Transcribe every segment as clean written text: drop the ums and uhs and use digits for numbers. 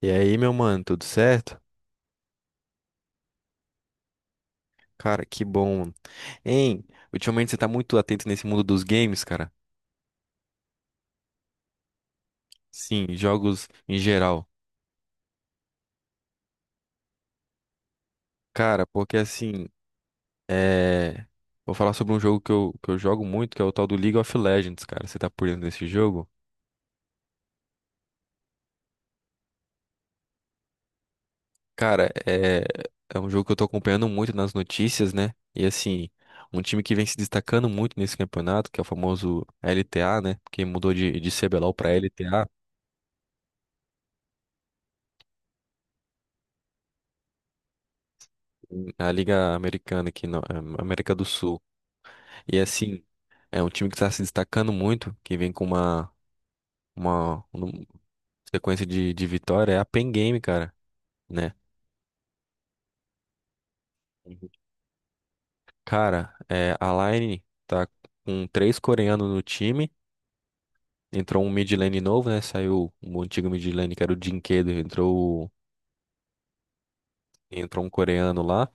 E aí, meu mano, tudo certo? Cara, que bom. Hein, ultimamente você tá muito atento nesse mundo dos games, cara? Sim, jogos em geral. Cara, porque assim, é... vou falar sobre um jogo que eu jogo muito, que é o tal do League of Legends, cara. Você tá por dentro desse jogo? Cara, é um jogo que eu tô acompanhando muito nas notícias, né? E assim, um time que vem se destacando muito nesse campeonato, que é o famoso LTA, né? Que mudou de CBLOL pra LTA, a Liga Americana aqui na América do Sul. E assim, é um time que está se destacando muito, que vem com uma sequência de vitória, é a Pen Game, cara, né? Uhum. Cara, a Line tá com três coreanos no time, entrou um mid lane novo, né? Saiu um antigo mid lane que era o Jinkedo, entrou um coreano lá.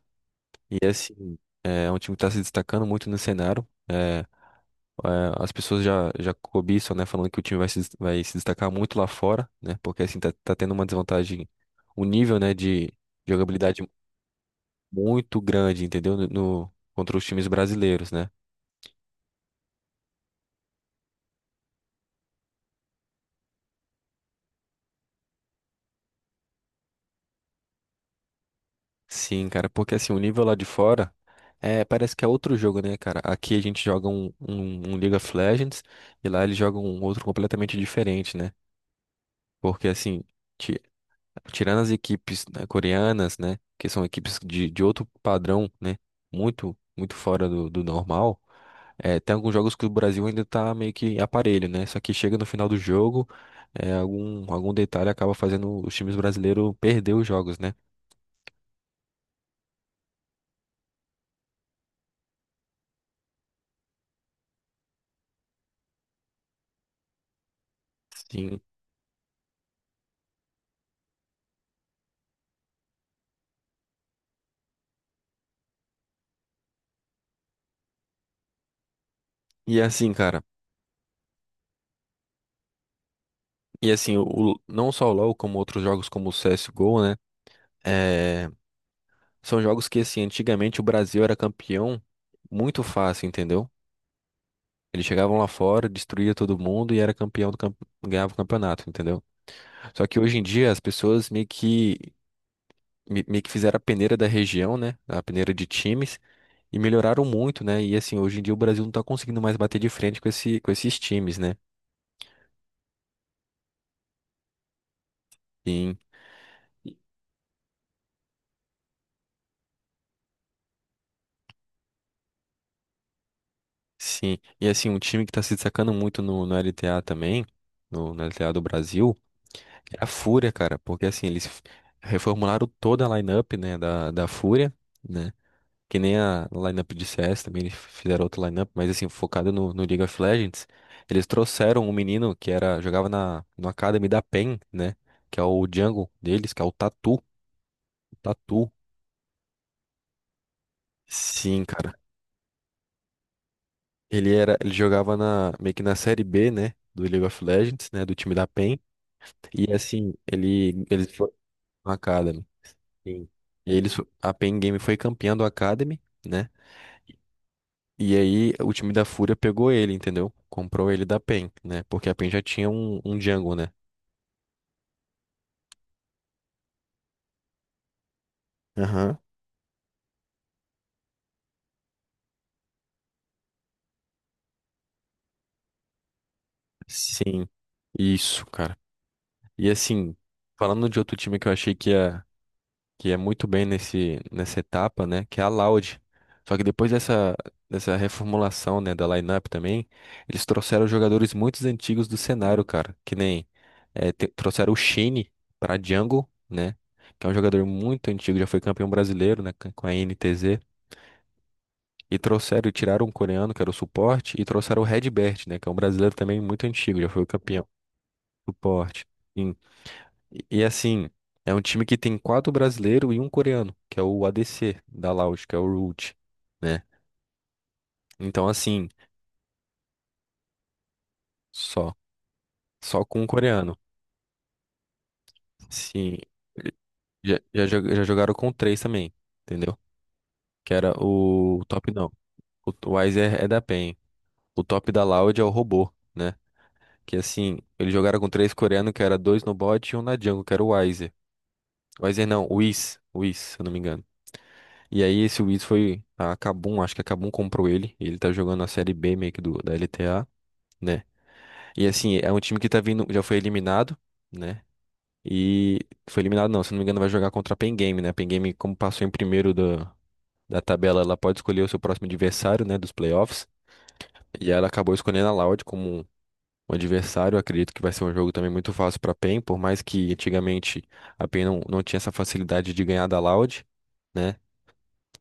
E assim, é um time que tá se destacando muito no cenário. As pessoas já cobiçam, né? Falando que o time vai se destacar muito lá fora, né? Porque assim tá tendo uma desvantagem, um nível, né, de jogabilidade muito grande, entendeu? Contra os times brasileiros, né? Sim, cara, porque assim, o nível lá de fora parece que é outro jogo, né, cara? Aqui a gente joga um League of Legends e lá eles jogam um outro completamente diferente, né? Porque assim. ti- Tirando as equipes, né, coreanas, né? Que são equipes de outro padrão, né? Muito, muito fora do normal. É, tem alguns jogos que o Brasil ainda tá meio que aparelho, né? Só que chega no final do jogo, algum detalhe acaba fazendo os times brasileiros perder os jogos, né? Sim. E assim, cara. E assim, não só o LoL, como outros jogos como o CSGO, né? É, são jogos que, assim, antigamente o Brasil era campeão muito fácil, entendeu? Eles chegavam lá fora, destruía todo mundo e era campeão do ganhava o campeonato, entendeu? Só que hoje em dia as pessoas meio que fizeram a peneira da região, né? A peneira de times e melhoraram muito, né? E assim, hoje em dia o Brasil não tá conseguindo mais bater de frente com esses times, né? Sim. Sim. E assim, um time que tá se destacando muito no LTA também, no LTA do Brasil, é a Fúria, cara, porque assim, eles reformularam toda a lineup, né, da Fúria, né? Que nem a no lineup de CS também, eles fizeram outro lineup, mas assim, focado no League of Legends. Eles trouxeram um menino jogava no Academy da PEN, né? Que é o jungle deles, que é o Tatu. Tatu. Sim, cara. Ele jogava meio que na série B, né? Do League of Legends, né? Do time da PEN. E assim, eles foram no Academy. Sim. A PEN Game foi campeã do Academy, né? E aí o time da Fúria pegou ele, entendeu? Comprou ele da PEN, né? Porque a PEN já tinha um Jungle, né? Aham. Sim, isso, cara. E assim, falando de outro time que eu achei que ia muito bem nessa etapa, né? Que é a Loud. Só que depois dessa reformulação, né, da lineup também, eles trouxeram jogadores muito antigos do cenário, cara. Que nem trouxeram o Shine pra Jungle, né? Que é um jogador muito antigo, já foi campeão brasileiro, né? Com a NTZ. E tiraram um coreano, que era o suporte, e trouxeram o Redbert, né? Que é um brasileiro também muito antigo, já foi o campeão. Suporte. Sim. Assim, é um time que tem quatro brasileiros e um coreano, que é o ADC da Loud, que é o Root, né? Então, assim, só. Só com um coreano. Sim. Já jogaram com três também, entendeu? Que era o top, não. O Weiser é da PEN. O top da Loud é o robô, né? Que assim, eles jogaram com três coreanos, que era dois no bot e um na jungle, que era o Weiser. Weiser não, o Whis. O Whis, se eu não me engano. E aí esse Whis foi a Kabum, acho que a Kabum comprou ele. E ele tá jogando a série B meio que da LTA, né? E assim, é um time que tá vindo, já foi eliminado, né? E foi eliminado não, se eu não me engano vai jogar contra a Pen Game, né? A Pen Game, como passou em primeiro da tabela, ela pode escolher o seu próximo adversário, né, dos playoffs. E ela acabou escolhendo a Loud como o adversário, eu acredito que vai ser um jogo também muito fácil para a PEN, por mais que antigamente a PEN não tinha essa facilidade de ganhar da Loud, né?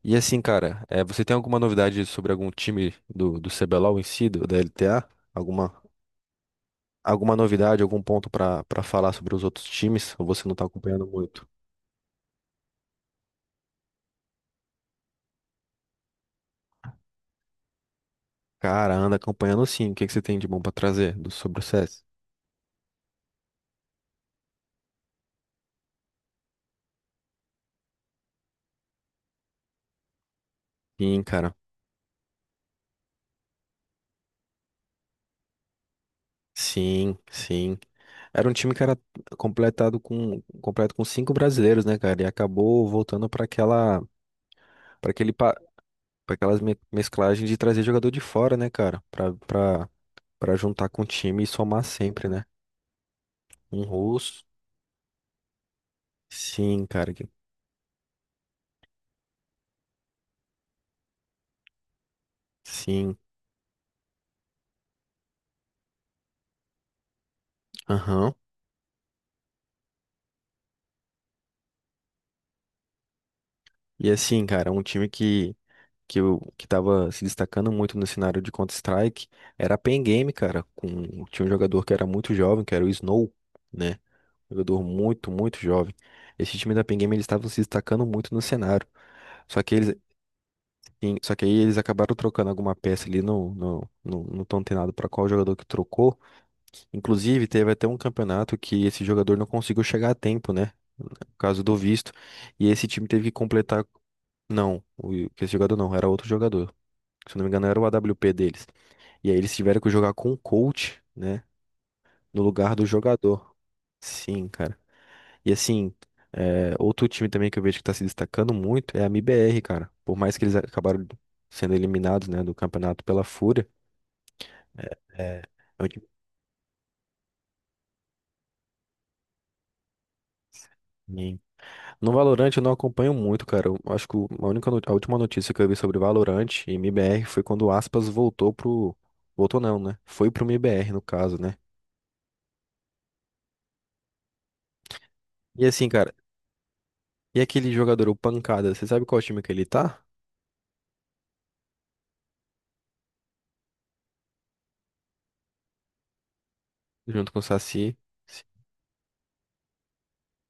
E assim, cara, você tem alguma novidade sobre algum time do CBLOL em si, da LTA? Alguma, alguma novidade, algum ponto para falar sobre os outros times? Ou você não tá acompanhando muito? Cara, anda acompanhando sim. O que que você tem de bom para trazer sobre o CS? Sim, cara. Sim, sim. Era um time que era completado com completo com cinco brasileiros, né, cara? E acabou voltando para aquelas mesclagens de trazer jogador de fora, né, cara? Pra para para juntar com o time e somar sempre, né? Um russo. Sim, cara. Sim. Aham. E assim, cara, um time que tava se destacando muito no cenário de Counter-Strike era a Pen Game, cara, com tinha um jogador que era muito jovem, que era o Snow, né? Jogador muito, muito jovem. Esse time da Pen Game, eles estavam se destacando muito no cenário. Só que eles, só que aí eles acabaram trocando alguma peça ali, não tão antenado para qual jogador que trocou. Inclusive, teve até um campeonato que esse jogador não conseguiu chegar a tempo, né? No caso do visto. E esse time teve que completar. Não, que esse jogador não, era outro jogador. Se eu não me engano, era o AWP deles. E aí eles tiveram que jogar com o coach, né? No lugar do jogador. Sim, cara. E assim, outro time também que eu vejo que tá se destacando muito é a MBR, cara. Por mais que eles acabaram sendo eliminados, né, do campeonato pela Fúria. É, é um time que- No Valorant eu não acompanho muito, cara. Eu acho que o- a única, no- a última notícia que eu vi sobre Valorant e MBR foi quando o Aspas voltou pro. Voltou não, né? Foi pro MBR, no caso, né? E assim, cara, e aquele jogador, o Pancada, você sabe qual time que ele tá? Junto com o Saci.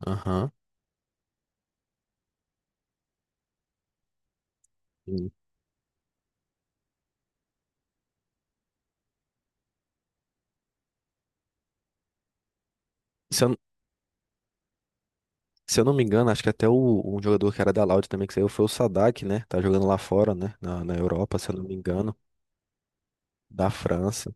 Aham. Sim. Se eu, Se eu não me engano, acho que até um jogador que era da Loud também que saiu foi o Sadak, né? Tá jogando lá fora, né? Na Europa, se eu não me engano. Da França.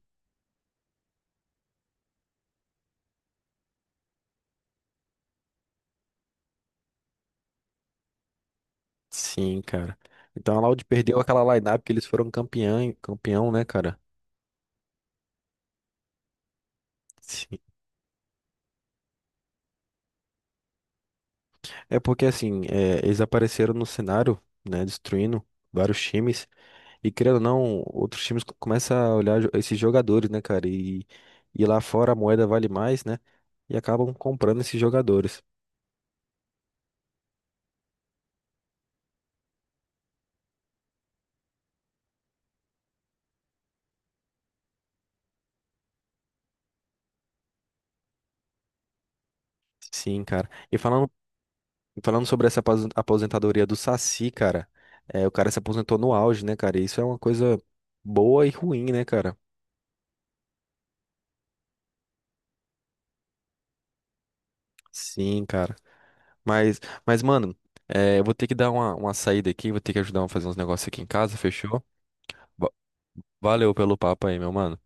Sim, cara. Então a Loud perdeu aquela lineup que eles foram campeão, campeão, né, cara? Sim. É porque, assim, eles apareceram no cenário, né? Destruindo vários times. E querendo ou não, outros times começam a olhar esses jogadores, né, cara? E lá fora a moeda vale mais, né? E acabam comprando esses jogadores. Sim, cara. E falando sobre essa aposentadoria do Saci, cara, o cara se aposentou no auge, né, cara? E isso é uma coisa boa e ruim, né, cara? Sim, cara. Mas, mano, eu vou ter que dar uma saída aqui, vou ter que ajudar a fazer uns negócios aqui em casa, fechou? Va- Valeu pelo papo aí, meu mano.